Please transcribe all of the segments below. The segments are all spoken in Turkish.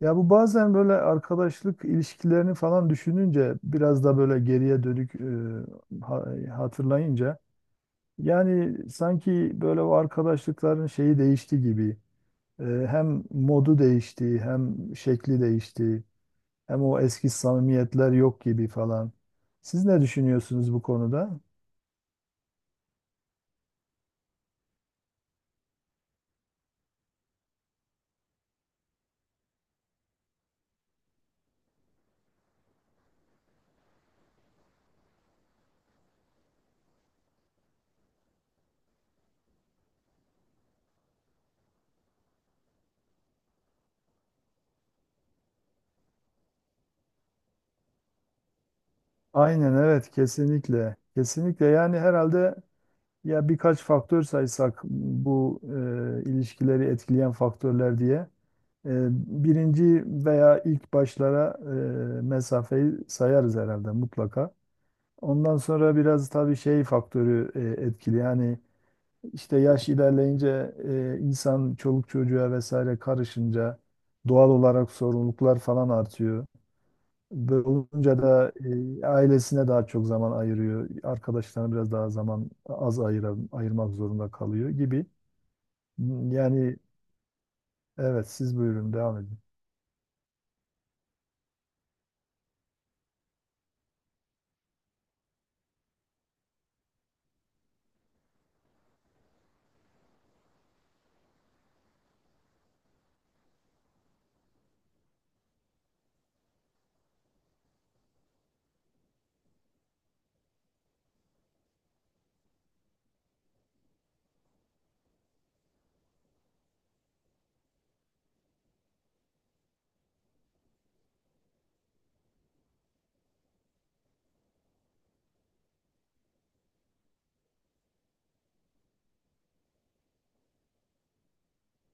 Ya bu bazen böyle arkadaşlık ilişkilerini falan düşününce biraz da böyle geriye dönük hatırlayınca yani sanki böyle o arkadaşlıkların şeyi değişti gibi. Hem modu değişti, hem şekli değişti, hem o eski samimiyetler yok gibi falan. Siz ne düşünüyorsunuz bu konuda? Aynen evet, kesinlikle. Kesinlikle yani herhalde ya birkaç faktör saysak bu ilişkileri etkileyen faktörler diye. E, Birinci veya ilk başlara mesafeyi sayarız herhalde mutlaka. Ondan sonra biraz tabii şey faktörü etkili. Yani işte yaş ilerleyince insan çoluk çocuğa vesaire karışınca doğal olarak sorumluluklar falan artıyor. Böyle olunca da ailesine daha çok zaman ayırıyor. Arkadaşlarına biraz daha zaman ayırmak zorunda kalıyor gibi. Yani evet, siz buyurun devam edin.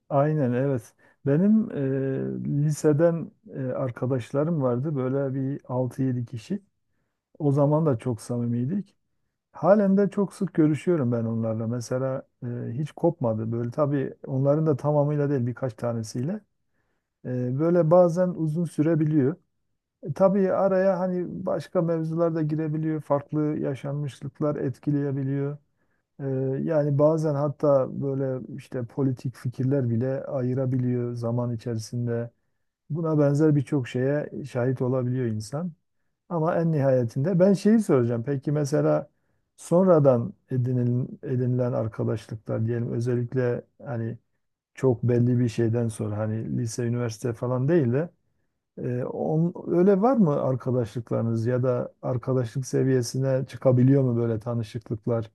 Aynen evet. Benim liseden arkadaşlarım vardı. Böyle bir altı yedi kişi. O zaman da çok samimiydik. Halen de çok sık görüşüyorum ben onlarla. Mesela hiç kopmadı. Böyle tabii onların da tamamıyla değil, birkaç tanesiyle. Böyle bazen uzun sürebiliyor. Tabii araya hani başka mevzular da girebiliyor. Farklı yaşanmışlıklar etkileyebiliyor. Ee, Yani bazen hatta böyle işte politik fikirler bile ayırabiliyor zaman içerisinde. Buna benzer birçok şeye şahit olabiliyor insan. Ama en nihayetinde ben şeyi soracağım. Peki mesela sonradan edinilen arkadaşlıklar diyelim, özellikle hani çok belli bir şeyden sonra, hani lise, üniversite falan değil de öyle var mı arkadaşlıklarınız ya da arkadaşlık seviyesine çıkabiliyor mu böyle tanışıklıklar?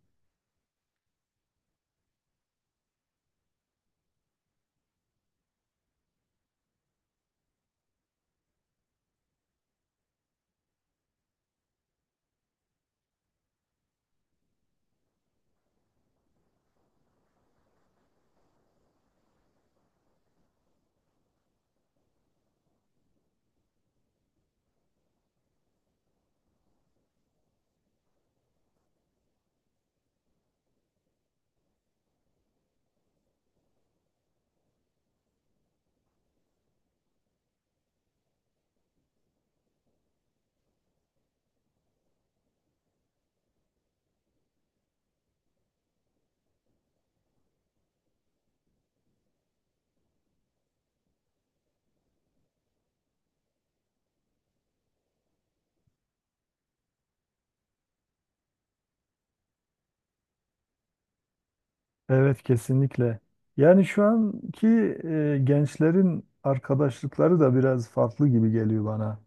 Evet, kesinlikle. Yani şu anki gençlerin arkadaşlıkları da biraz farklı gibi geliyor bana.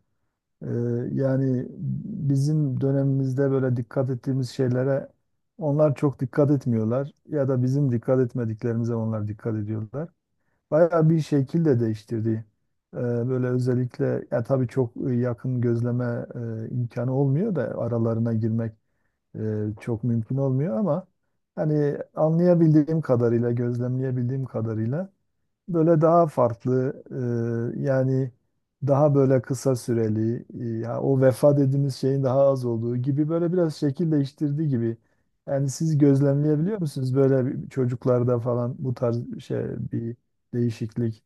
E, Yani bizim dönemimizde böyle dikkat ettiğimiz şeylere onlar çok dikkat etmiyorlar ya da bizim dikkat etmediklerimize onlar dikkat ediyorlar. Bayağı bir şekil de değiştirdi. Böyle özellikle ya tabii çok yakın gözleme imkanı olmuyor da aralarına girmek çok mümkün olmuyor ama hani anlayabildiğim kadarıyla, gözlemleyebildiğim kadarıyla böyle daha farklı, yani daha böyle kısa süreli, ya o vefa dediğimiz şeyin daha az olduğu gibi, böyle biraz şekil değiştirdiği gibi. Yani siz gözlemleyebiliyor musunuz çocuklarda falan bu tarz şey bir değişiklik?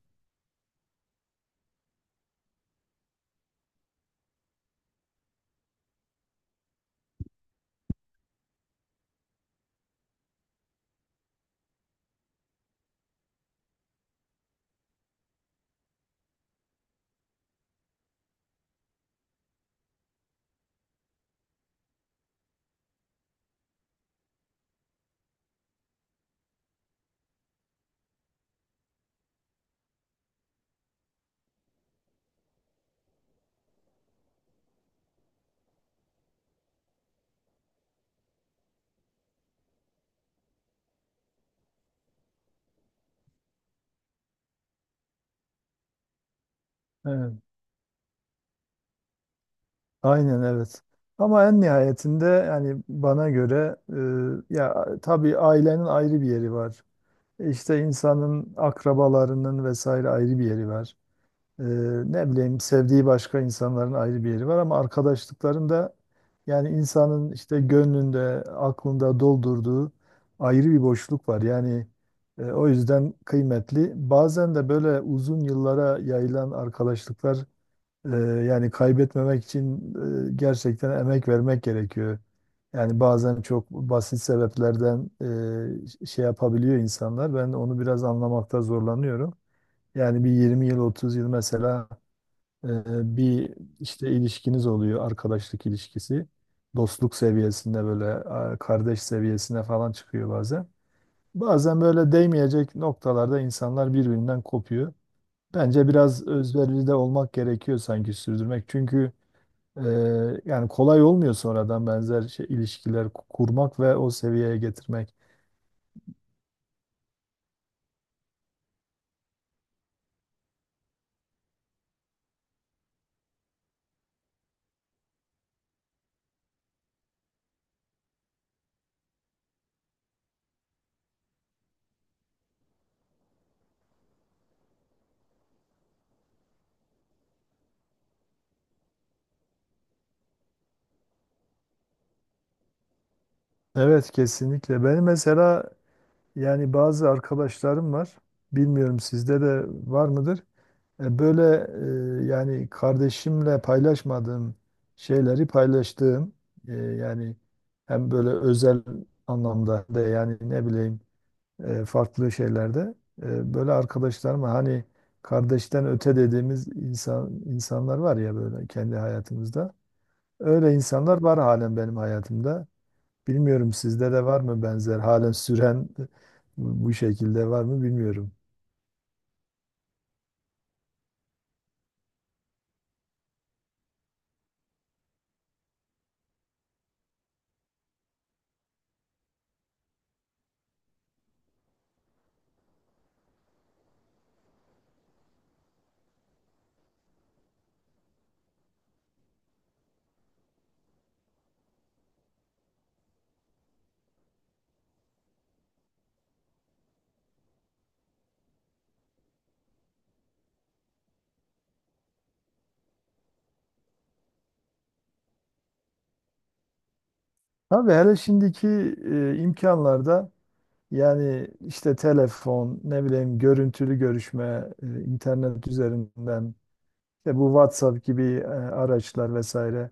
Evet. Aynen evet. Ama en nihayetinde yani bana göre, ya tabii ailenin ayrı bir yeri var. İşte insanın akrabalarının vesaire ayrı bir yeri var. Ee, Ne bileyim, sevdiği başka insanların ayrı bir yeri var ama arkadaşlıkların da yani insanın işte gönlünde, aklında doldurduğu ayrı bir boşluk var. Yani o yüzden kıymetli. Bazen de böyle uzun yıllara yayılan arkadaşlıklar, ee, yani kaybetmemek için gerçekten emek vermek gerekiyor. Yani bazen çok basit sebeplerden şey yapabiliyor insanlar. Ben onu biraz anlamakta zorlanıyorum. Yani bir 20 yıl, 30 yıl mesela e, bir işte ilişkiniz oluyor, arkadaşlık ilişkisi. Dostluk seviyesinde böyle kardeş seviyesine falan çıkıyor bazen. Bazen böyle değmeyecek noktalarda insanlar birbirinden kopuyor. Bence biraz özverili de olmak gerekiyor sanki sürdürmek. Çünkü ee, yani kolay olmuyor sonradan benzer ilişkiler kurmak ve o seviyeye getirmek. Evet, kesinlikle. Benim mesela yani bazı arkadaşlarım var. Bilmiyorum, sizde de var mıdır? Böyle yani kardeşimle paylaşmadığım şeyleri paylaştığım, yani hem böyle özel anlamda da, yani ne bileyim, farklı şeylerde. Böyle arkadaşlarıma, hani kardeşten öte dediğimiz insanlar var ya böyle kendi hayatımızda. Öyle insanlar var halen benim hayatımda. Bilmiyorum sizde de var mı benzer halen süren, bu şekilde var mı bilmiyorum. Tabii hele şimdiki imkanlarda yani işte telefon, ne bileyim, görüntülü görüşme, internet üzerinden İşte bu WhatsApp gibi araçlar vesaire.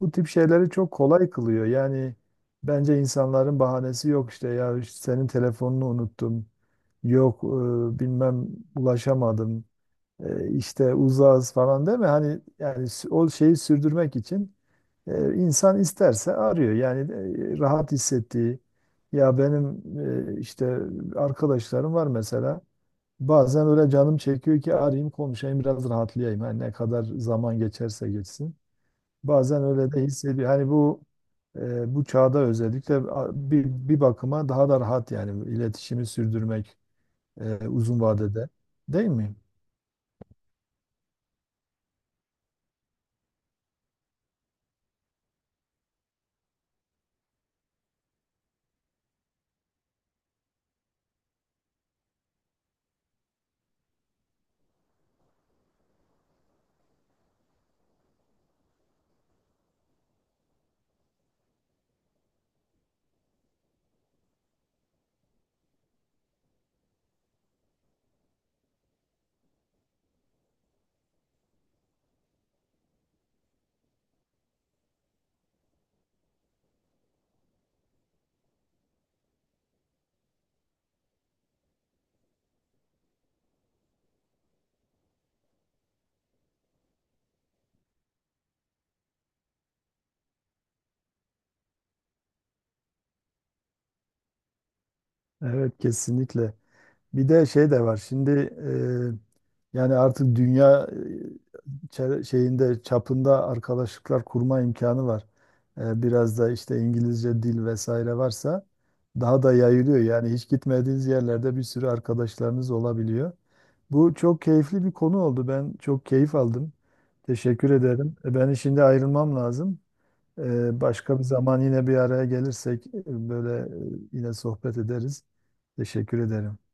Bu tip şeyleri çok kolay kılıyor. Yani bence insanların bahanesi yok, işte ya işte senin telefonunu unuttum. Yok bilmem ulaşamadım. İşte uzağız falan, değil mi? Hani yani o şeyi sürdürmek için insan isterse arıyor. Yani rahat hissettiği, ya benim işte arkadaşlarım var mesela. Bazen öyle canım çekiyor ki arayayım, konuşayım, biraz rahatlayayım. Hani ne kadar zaman geçerse geçsin. Bazen öyle de hissediyor. Hani bu bu çağda özellikle bir bakıma daha da rahat, yani iletişimi sürdürmek uzun vadede. Değil mi? Evet, kesinlikle. Bir de şey de var. Şimdi yani artık dünya şeyinde çapında arkadaşlıklar kurma imkanı var. Biraz da işte İngilizce dil vesaire varsa daha da yayılıyor. Yani hiç gitmediğiniz yerlerde bir sürü arkadaşlarınız olabiliyor. Bu çok keyifli bir konu oldu. Ben çok keyif aldım. Teşekkür ederim. Ben şimdi ayrılmam lazım. Başka bir zaman yine bir araya gelirsek böyle yine sohbet ederiz. Teşekkür ederim.